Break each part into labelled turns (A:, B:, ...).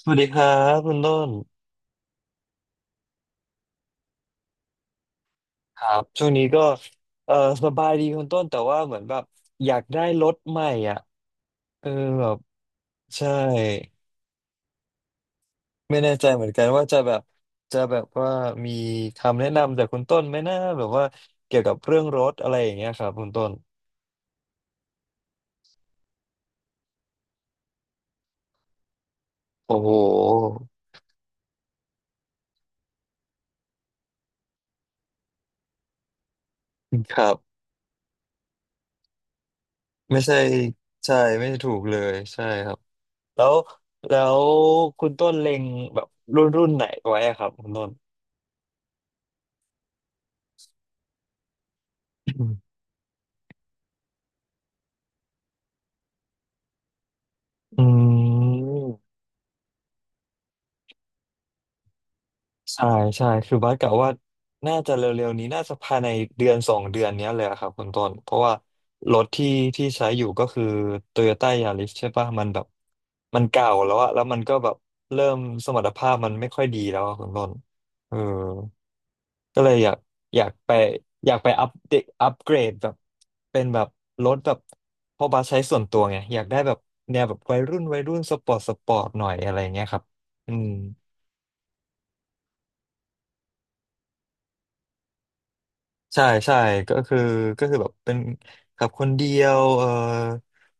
A: สวัสดีครับคุณต้นครับช่วงนี้ก็เออสบายดีคุณต้นแต่ว่าเหมือนแบบอยากได้รถใหม่อ่ะเออแบบใช่ไม่แน่ใจเหมือนกันว่าจะแบบจะแบบว่ามีคำแนะนำจากคุณต้นไหมนะแบบว่าเกี่ยวกับเรื่องรถอะไรอย่างเงี้ยครับคุณต้นโอ้โหครับไม่ใช่ใช่ไม่ถูกเลยใช่ครับแล้วแล้วคุณต้นเล็งแบบรุ่นรุ่นไหนไว้อะครับคุณต้นอืม ใช่ใช่คือบัสกะว่าน่าจะเร็วๆนี้น่าจะภายในเดือนสองเดือนเนี้ยเลยอะครับคุณต้นเพราะว่ารถที่ที่ใช้อยู่ก็คือ Toyota Yaris ใช่ปะมันแบบมันเก่าแล้วอะแล้วมันก็แบบเริ่มสมรรถภาพมันไม่ค่อยดีแล้วอะคุณต้นเออก็เลยอยากไปอยากไปอัปเดตอัปเกรดแบบเป็นแบบรถแบบเพราะบัสใช้ส่วนตัวไงอยากได้แบบแนวแบบวัยรุ่นวัยรุ่นสปอร์ตสปอร์ตหน่อยอะไรเงี้ยครับอืม ใช่ใช่ก็คือก็คือแบบเป็นขับคนเดียว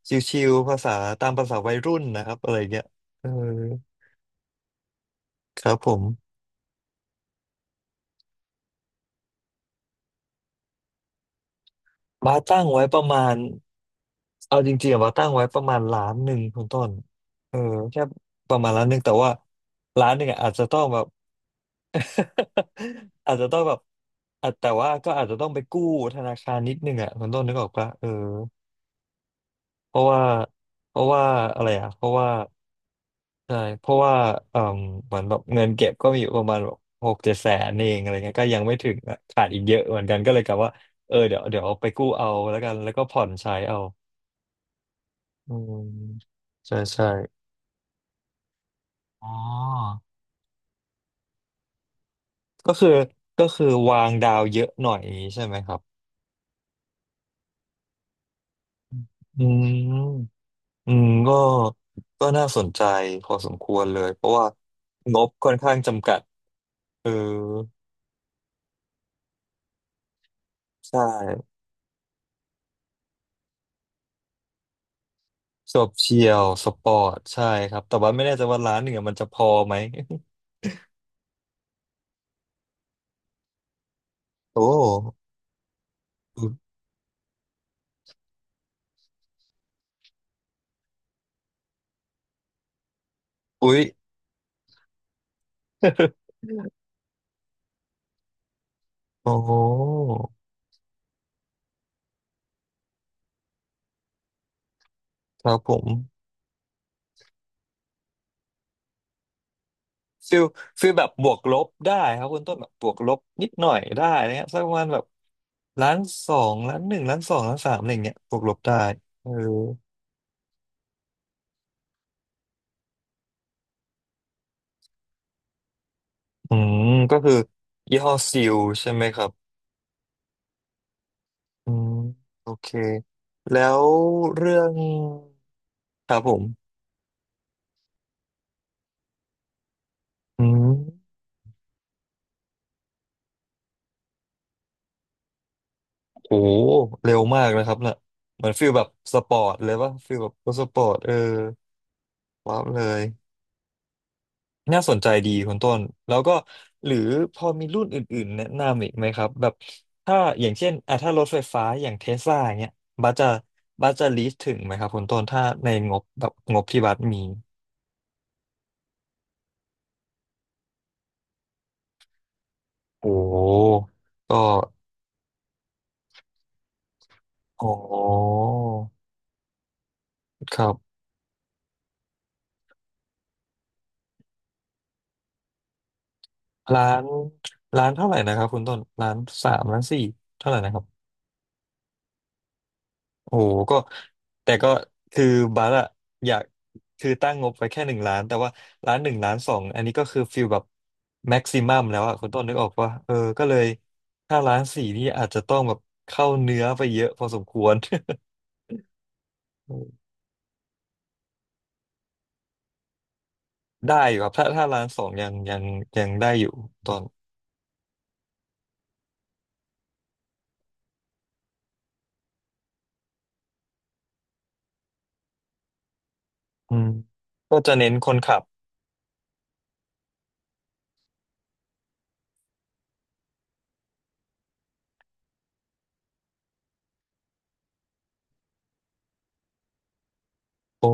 A: ชิวๆภาษาตามภาษาวัยรุ่นนะครับอะไรเงี้ยเออครับผมบาร์ตั้งไว้ประมาณเอาจริงๆอะบาร์ตั้งไว้ประมาณล้านหนึ่งคุณต้นเออแค่ประมาณล้านหนึ่งแต่ว่าล้านหนึ่งอะอาจจะต้องแบบ อาจจะต้องแบบอ่ะแต่ว่าก็อาจจะต้องไปกู้ธนาคารนิดนึงอ่ะคุณต้นนึกออกปะเพราะว่าเพราะว่าอะไรอ่ะเพราะว่า ใช่เพราะว่าเอ่มเหมือนแบบเงินเก็บก็มีอยู่ประมาณแบบหกเจ็ดแสนเองอะไรเงี้ยก็ยังไม่ถึงอะขาดอีกเยอะเหมือนกันก็เลยกะว่าเดี๋ยวเดี๋ยวเอาไปกู้เอาแล้วกันแล้วก็ผ่อนใช้เอาอืมใช่ใช่อ๋อก็คือก็คือวางดาวเยอะหน่อยอย่างนี้ใช่ไหมครับอืมอืมก็ก็น่าสนใจพอสมควรเลยเพราะว่างบค่อนข้างจำกัดเออใช่ จบเชียวสปอร์ตใช่ครับแต่ว่าไม่แน่ใจว่าร้านหนึ่งอะมันจะพอไหม โอ้อุ๊ยอุ๊ย โอ้ครับผมฟิลฟิลแบบบวกลบได้ครับคุณต้นแบบบวกลบนิดหน่อยได้นะฮะสักประมาณแบบล้านสองล้านหนึ่งล้านสองล้านสามอะไรอย่างเงี้ยบวกลบได้เอออืมก็คือยี่ห้อซิลใช่ไหมครับอืมโอเคแล้วเรื่องครับผมอืม โอ้โหเร็วมากนะครับน่ะเหมือนฟีลแบบสปอร์ตเลยป่ะฟีลแบบรถสปอร์ตว้าวเลยน่าสนใจดีคุณต้นแล้วก็หรือพอมีรุ่นอื่นๆแนะนำอีกไหมครับแบบถ้าอย่างเช่นอ่ะถ้ารถไฟฟ้าอย่างเทสลาเนี้ยบัสจะบัสจะลีสถึงไหมครับคุณต้นถ้าในงบแบบงบที่บัสมีโอ้ก็โอ้ครับล้านล้านเท่าไหร่นะครับคุณต้นล้านสามล้านสี่เท่าไหร่นะครับ โอ้โหก็แต่ก็คือบัสอะอยากคือตั้งงบไว้แค่หนึ่งล้านแต่ว่าล้านหนึ่งล้านสองอันนี้ก็คือฟิลแบบแม็กซิมัมแล้วอะคุณต้นนึกออกว่าก็เลยถ้าล้านสี่นี่อาจจะต้องแบบเข้าเนื้อไปเยอะพอสมควร ได้อยู่ครับถ้าล้านสองยังได้อยู่ตอนอืมก็จะเน้นคนขับโอ้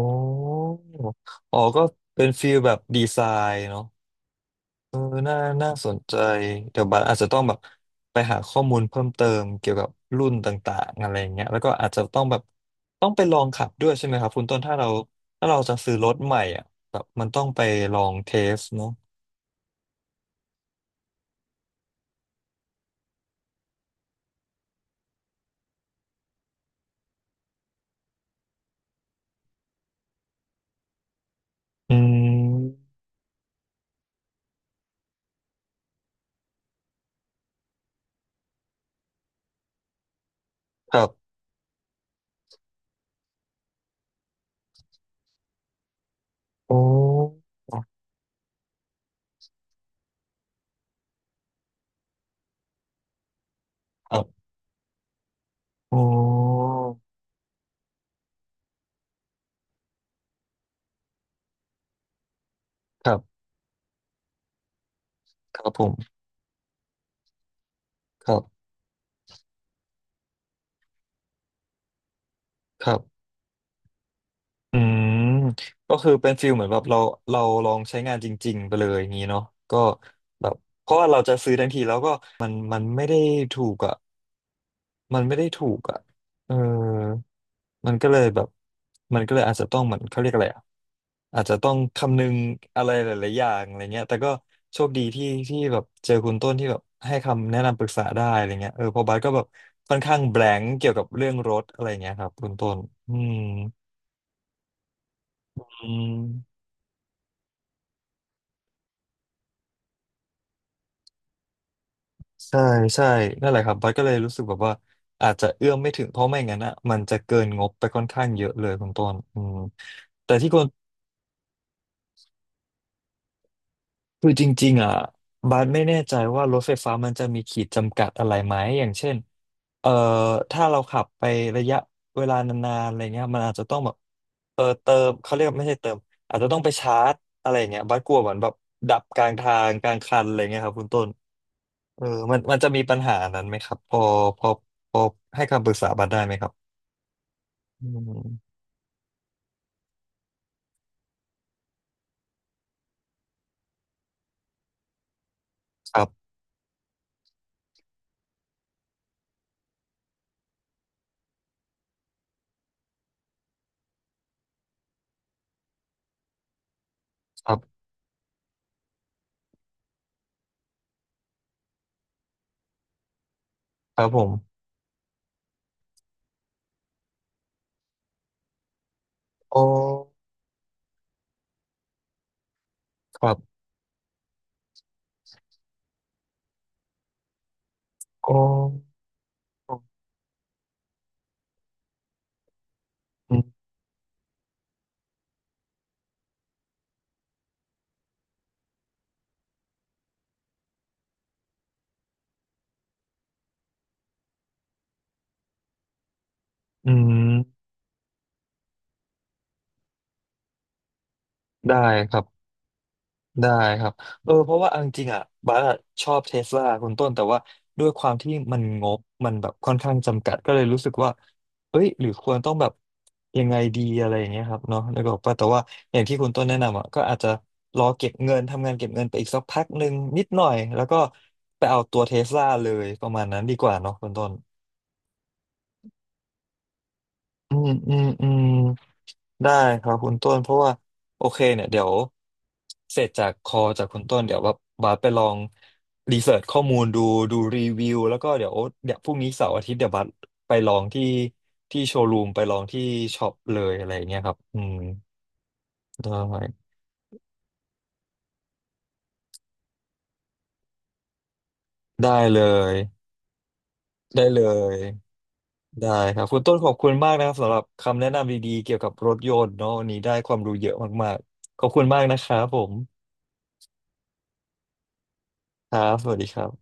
A: อ๋อก็เป็นฟิลแบบดีไซน์เนาะ เออน่าน่าสนใจเดี๋ยวบัสอาจจะต้องแบบไปหาข้อมูลเพิ่มเติมเกี่ยวกับรุ่นต่างๆอะไรอย่างเงี้ยแล้วก็อาจจะต้องแบบต้องไปลองขับด้วยใช่ไหมครับคุณต้นถ้าเราถ้าเราจะซื้อรถใหม่อ่ะแบบมันต้องไปลองเทสเนาะอืมครับโอ้ครับโอ้ครับ ครับผมครับ ครับ อืมก็คือเป็นฟิลเหมือนแบบเราเราลองใช้งานจริงๆไปเลยอย่างนี้เนาะก็แบบเพราะว่าเราจะซื้อทันทีแล้วก็มันไม่ได้ถูกอ่ะมันไม่ได้ถูกอ่ะเออมันก็เลยแบบมันก็เลยอาจจะต้องเหมือนเขาเรียกอะไรอ่ะอาจจะต้องคำนึงอะไรหลายๆอย่างอะไรเงี้ยแต่ก็โชคดีที่ที่แบบเจอคุณต้นที่แบบให้คำแนะนำปรึกษาได้อะไรเงี้ยเพอบาสก็แบบค่อนข้างแบลงก์เกี่ยวกับเรื่องรถอะไรเงี้ยครับคุณต้นอืมอืม ใช่ใช่นั่นแหละครับบัสก็เลยรู้สึกแบบว่าอาจจะเอื้อมไม่ถึงเพราะไม่งั้นอ่ะมันจะเกินงบไปค่อนข้างเยอะเลยคุณต้นอืมแต่ที่คนคือจริงๆอ่ะบัสไม่แน่ใจว่ารถไฟฟ้ามันจะมีขีดจำกัดอะไรไหมอย่างเช่นเอ่อถ้าเราขับไประยะเวลานานๆอะไรเงี้ยมันอาจจะต้องแบบเติมเขาเรียกว่าไม่ใช่เติมอาจจะต้องไปชาร์จอะไรเงี้ยบัสกลัวเหมือนแบบดับกลางทางกลางคันอะไรเงี้ยครับคุณต้น เออมันจะมีปัญหานั้นไหมครับ พอพอให้คำปรึกษาบัตรได้ไหมครับอืมครับ ครับครับผมโอ้ครับโอ้อืมอืมได้ครับ ได้ครับเพราะว่าเอาจริงๆอ่ะบัสอะชอบเทสลาคุณต้นแต่ว่าด้วยความที่มันงบมันแบบค่อนข้างจำกัดก็เลยรู้สึกว่าเอ้ยหรือควรต้องแบบยังไงดีอะไรอย่างเงี้ยครับเนาะแล้วก็บอกว่าแต่ว่าอย่างที่คุณต้นแนะนำอ่ะก็อาจจะรอเก็บเงินทำงานเก็บเงินไปอีกสักพักหนึ่งนิดหน่อยแล้วก็ไปเอาตัวเทสลาเลยประมาณนั้นดีกว่าเนาะคุณต้นอืมอืมอืม ได้ครับคุณต้นเพราะว่าโอเคเนี่ยเดี๋ยวเสร็จจากคอจากคุณต้นเดี๋ยวว่าบาสไปลองรีเสิร์ชข้อมูลดูดูรีวิวแล้วก็เดี๋ยวพรุ่งนี้เสาร์อาทิตย์เดี๋ยวบาสไปลองที่ที่โชว์รูมไปลองที่ช็อปเลยอะไรอย่างเงี้ยครับอืมได้ได้เลยได้เลยได้ครับคุณต้นขอบคุณมากนะครับสำหรับคำแนะนำดีๆเกี่ยวกับรถยนต์เนาะวันนี้ได้ความรู้เยอะมากๆขอบคุณมากนะครับผมครับสวัสดีครับ